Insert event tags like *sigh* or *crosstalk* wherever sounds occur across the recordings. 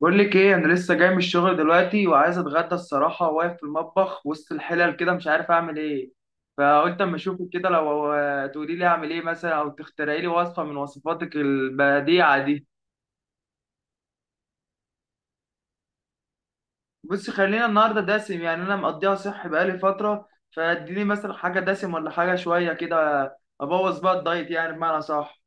بقول لك ايه؟ انا لسه جاي من الشغل دلوقتي وعايز اتغدى الصراحه، واقف في المطبخ وسط الحلل كده مش عارف اعمل ايه. فقلت اما اشوفك كده لو تقولي لي اعمل ايه مثلا، او تخترعي لي وصفه من وصفاتك البديعه دي. بصي، خلينا النهارده دسم، يعني انا مقضيها صحي بقالي فتره. فاديني مثلا حاجه دسم ولا حاجه شويه كده. ابوظ بقى الدايت، يعني بمعنى صح.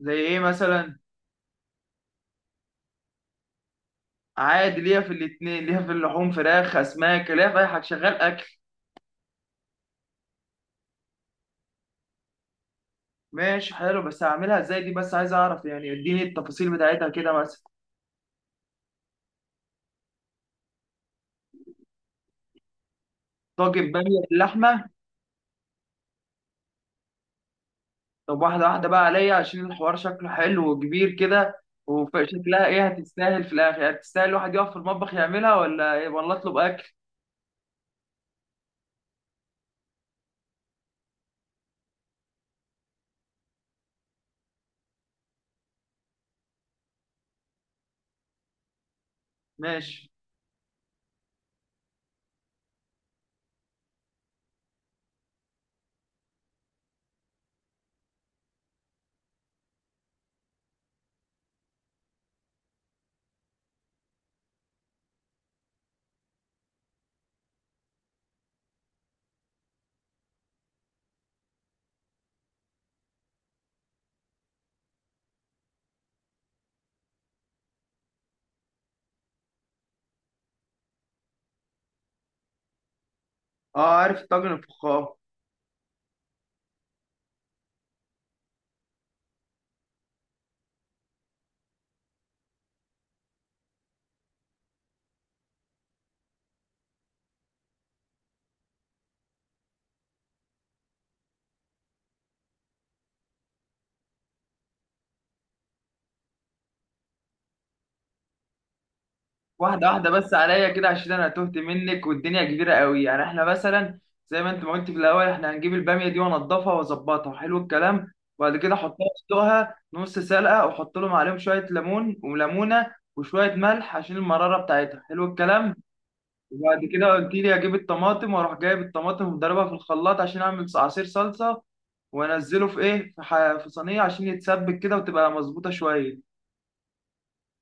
زي ايه مثلا؟ عادي، ليا في الاتنين، ليا في اللحوم، فراخ، اسماك، ليا في اي حاجه، شغال اكل. ماشي، حلو، بس هعملها ازاي دي؟ بس عايز اعرف يعني، اديني التفاصيل بتاعتها كده مثلا. طاجن بامية باللحمة. طب واحدة واحدة بقى عليا، عشان الحوار شكله حلو وكبير كده. وشكلها ايه، هتستاهل في الاخر؟ يعني تستاهل الواحد يقف في المطبخ يعملها، ولا ايه، ولا اطلب اكل؟ ماشي. اه، عارف الطاجن الفخار. واحدة واحدة بس عليا كده، عشان أنا تهت منك والدنيا كبيرة قوي. يعني إحنا مثلا زي ما أنت ما قلت في الأول، إحنا هنجيب البامية دي وأنضفها وأظبطها، حلو الكلام. وبعد كده أحطها، أسلقها نص سلقة، وأحط لهم عليهم شوية ليمون وليمونة وشوية ملح عشان المرارة بتاعتها، حلو الكلام. وبعد كده قلت لي أجيب الطماطم، وأروح جايب الطماطم ومضربها في الخلاط عشان أعمل عصير صلصة، وأنزله في في صينية عشان يتسبك كده وتبقى مظبوطة شوية.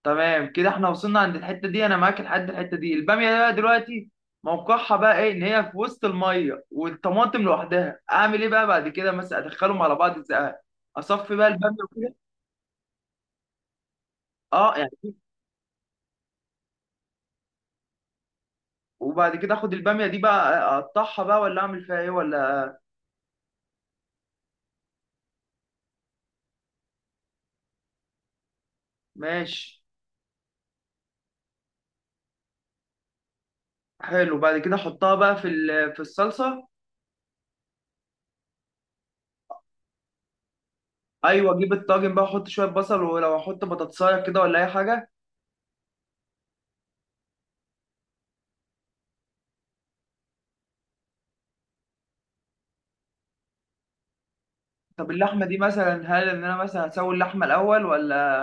تمام كده، احنا وصلنا عند الحته دي، انا معاك لحد الحته دي. الباميه بقى دلوقتي موقعها بقى ايه؟ ان هي في وسط الميه والطماطم لوحدها، اعمل ايه بقى بعد كده؟ مثلا ادخلهم على بعض ازاي؟ اصفي بقى الباميه وكده. اه يعني. وبعد كده اخد الباميه دي بقى اقطعها بقى، ولا اعمل فيها ايه، ولا؟ ماشي. حلو، بعد كده احطها بقى في الصلصه. ايوه، اجيب الطاجن بقى، احط شويه بصل، ولو احط بطاطسايه كده، ولا اي حاجه. طب اللحمه دي مثلا، هل ان انا مثلا اسوي اللحمه الاول ولا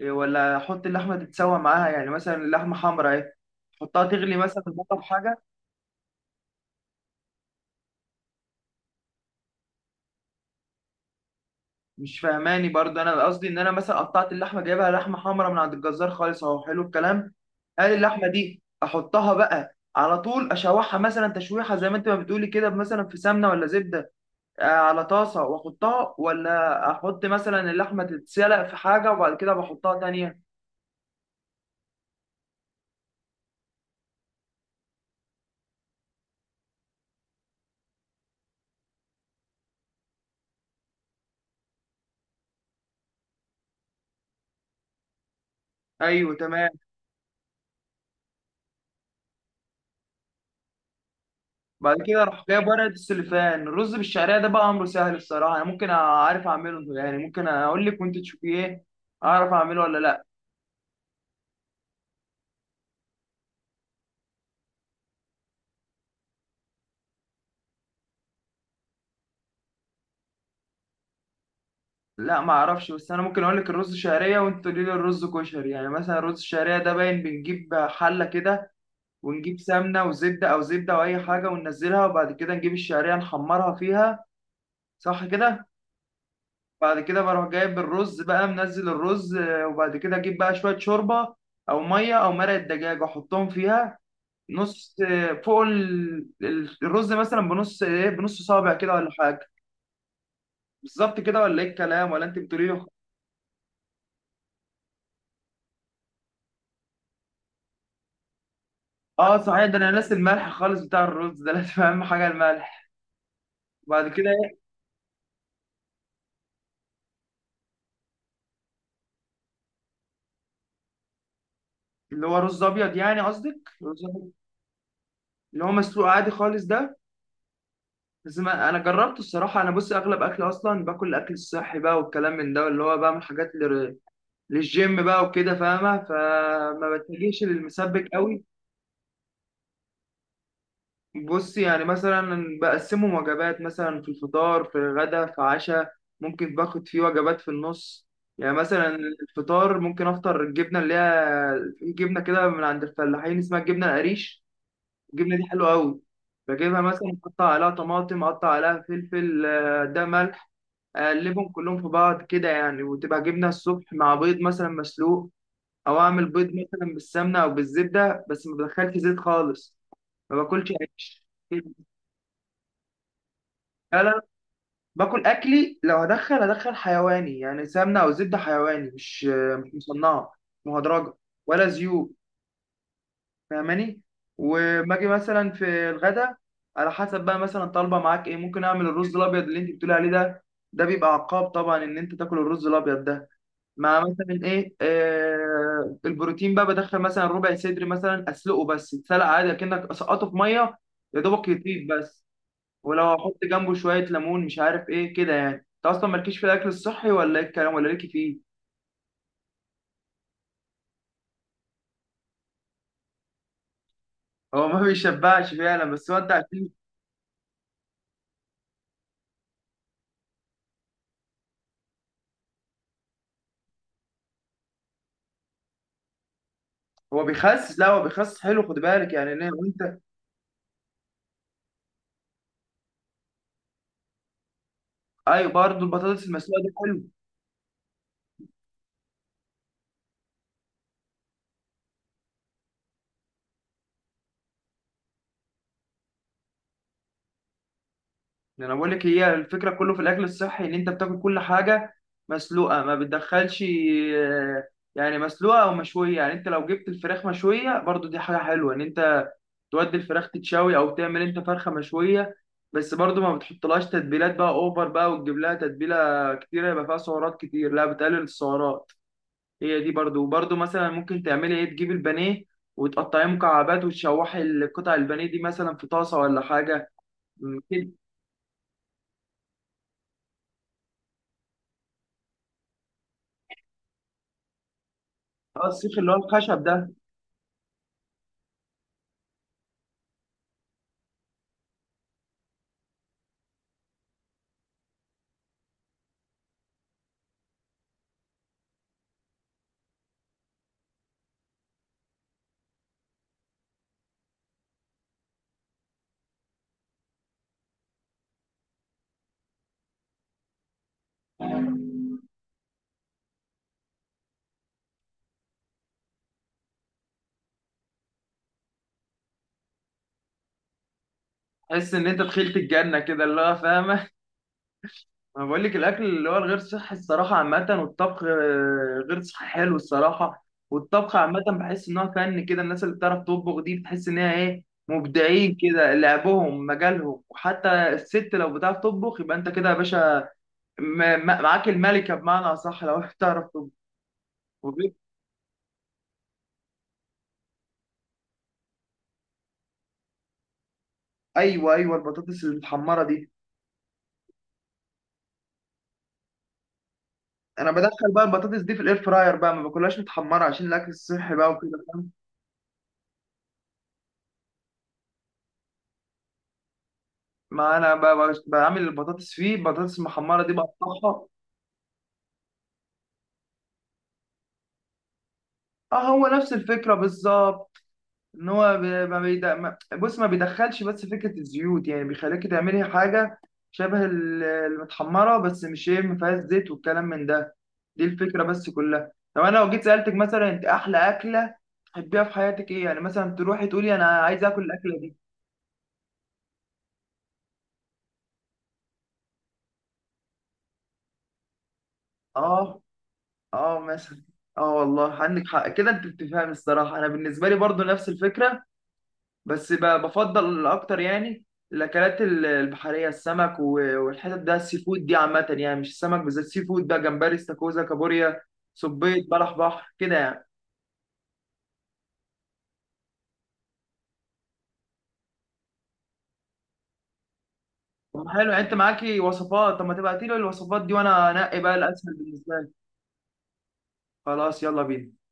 إيه، ولا احط اللحمه تتسوى معاها؟ يعني مثلا اللحمه حمراء اهي، احطها تغلي مثلا في المطبخ حاجه؟ مش فاهماني برضه. انا قصدي ان انا مثلا قطعت اللحمه، جايبها لحمه حمراء من عند الجزار خالص اهو، حلو الكلام. هل اللحمه دي احطها بقى على طول اشوحها مثلا تشويحه زي ما انت ما بتقولي كده، مثلا في سمنه ولا زبده، على طاسه واحطها، ولا احط مثلا اللحمه تتسلق في حاجه وبعد كده بحطها تانية؟ ايوه تمام. بعد كده اروح جايب ورقه السلوفان. الرز بالشعريه ده بقى امره سهل الصراحه، انا ممكن اعرف اعمله يعني. ممكن اقول لك وانت تشوفي ايه، اعرف اعمله ولا لا. لا، ما اعرفش، بس انا ممكن اقول لك الرز شعريه وانت تقولي لي الرز كشري. يعني مثلا الرز الشعريه ده باين بنجيب حله كده، ونجيب سمنه وزبده، او زبده او اي حاجه، وننزلها، وبعد كده نجيب الشعريه نحمرها فيها. صح كده؟ بعد كده بروح جايب الرز بقى، منزل الرز، وبعد كده اجيب بقى شويه شوربه او ميه او مرقه دجاج واحطهم فيها نص فوق الرز، مثلا بنص ايه، بنص صابع كده ولا حاجه. بالظبط كده ولا ايه الكلام، ولا انت بتقولي له؟ اه صحيح، ده انا ناسي الملح خالص بتاع الرز ده، لازم اهم حاجه الملح. وبعد كده ايه؟ اللي هو رز ابيض يعني، قصدك رز أبيض؟ اللي هو مسلوق عادي خالص ده. بس ما انا جربته الصراحه. انا بص، اغلب اكل اصلا باكل الاكل الصحي بقى والكلام من ده، اللي هو بعمل حاجات للجيم بقى وكده، فاهمه، فما بتجيش للمسبك قوي. بص يعني مثلا بقسمهم وجبات مثلا، في الفطار، في الغدا، في عشاء. ممكن باخد فيه وجبات في النص. يعني مثلا الفطار، ممكن افطر الجبنه اللي هي في جبنه كده من عند الفلاحين اسمها الجبنه القريش. الجبنه دي حلوه قوي. بجيبها مثلا، اقطع عليها طماطم، اقطع عليها فلفل، ده ملح، اقلبهم كلهم في بعض كده يعني، وتبقى جبنه الصبح مع بيض مثلا مسلوق، او اعمل بيض مثلا بالسمنه او بالزبده، بس ما بدخلش زيت خالص. ما باكلش عيش. لا، لا، باكل اكلي. لو هدخل هدخل حيواني، يعني سمنه او زبده حيواني، مش مصنعه، مهدرجه، ولا زيوت. فاهماني؟ وما اجي مثلا في الغدا، على حسب بقى مثلا طالبه معاك ايه. ممكن اعمل الرز الابيض اللي انت بتقولي عليه ده. ده بيبقى عقاب طبعا ان انت تاكل الرز الابيض ده، مع مثلا ايه البروتين بقى. بدخل مثلا ربع صدر مثلا، اسلقه بس يتسلق عادي كأنك سقطه في ميه، يا دوبك يطيب بس. ولو احط جنبه شويه ليمون، مش عارف ايه كده، يعني انت اصلا مالكيش في الاكل الصحي، ولا ايه الكلام، ولا ليكي فيه؟ هو ما *laughs* بيشبعش فعلا، بس هو انت عشان هو بيخسس. لا، هو بيخسس، حلو، خد بالك يعني ان انت. ايوه، برضه البطاطس المسلوقه دي حلو. يعني انا بقول لك هي الفكره، كله في الاكل الصحي ان انت بتاكل كل حاجه مسلوقه، ما بتدخلش. آه، يعني مسلوقه او مشويه. يعني انت لو جبت الفراخ مشويه برضه، دي حاجه حلوه ان انت تودي الفراخ تتشوي او تعمل انت فرخه مشويه. بس برضو ما بتحطلهاش تتبيلات بقى اوفر بقى، وتجيب لها تتبيله كتيره يبقى فيها سعرات كتير، لا بتقلل السعرات. هي دي وبرضو مثلا ممكن تعملي ايه، تجيبي البانيه وتقطعيه مكعبات وتشوحي القطع البانيه دي مثلا في طاسه ولا حاجه، كده. اه، السيخ اللي هو الخشب ده. تحس ان انت دخلت الجنه كده، اللي هو فاهمه. انا بقول لك الاكل اللي هو الغير صحي الصراحه عامه، والطبخ غير صحي حلو الصراحه. والطبخ عامه بحس ان هو فن كده، الناس اللي بتعرف تطبخ دي بتحس ان هي ايه، مبدعين كده، لعبهم مجالهم. وحتى الست لو بتعرف تطبخ، يبقى انت كده يا باشا، معاك الملكه بمعنى اصح لو *laughs* بتعرف تطبخ. وغير- ايوه، ايوه، البطاطس المتحمره دي، انا بدخل بقى البطاطس دي في الاير فراير بقى، ما باكلهاش متحمره عشان الاكل الصحي بقى وكده، فاهم. ما انا بعمل البطاطس فيه، البطاطس المحمره دي بقطعها. اه، هو نفس الفكرة بالظبط. ان هو ب- ما بيد... ما... بص ما بيدخلش، بس فكرة الزيوت، يعني بيخليكي تعملي حاجة شبه المتحمرة بس، مش ايه، ما فيهاش زيت والكلام من ده. دي الفكرة بس كلها. طب انا لو جيت سألتك مثلا، انت احلى أكلة تحبيها في حياتك ايه، يعني مثلا تروحي تقولي انا عايز اكل الأكلة دي؟ اه. اه مثلا. اه، والله عندك حق كده، انت بتفهمي الصراحة. انا بالنسبة لي برضو نفس الفكرة، بس بفضل اكتر، يعني الاكلات البحريه، السمك والحتت ده، السي فود دي عامه يعني، مش السمك بالذات، سي فود بقى، جمبري، استاكوزا، كابوريا، صبيط، بلح بحر كده يعني. طب حلو، يعني انت معاكي وصفات، طب ما تبعتي لي الوصفات دي وانا انقي بقى الاسهل بالنسبه لي. خلاص، يلا بينا.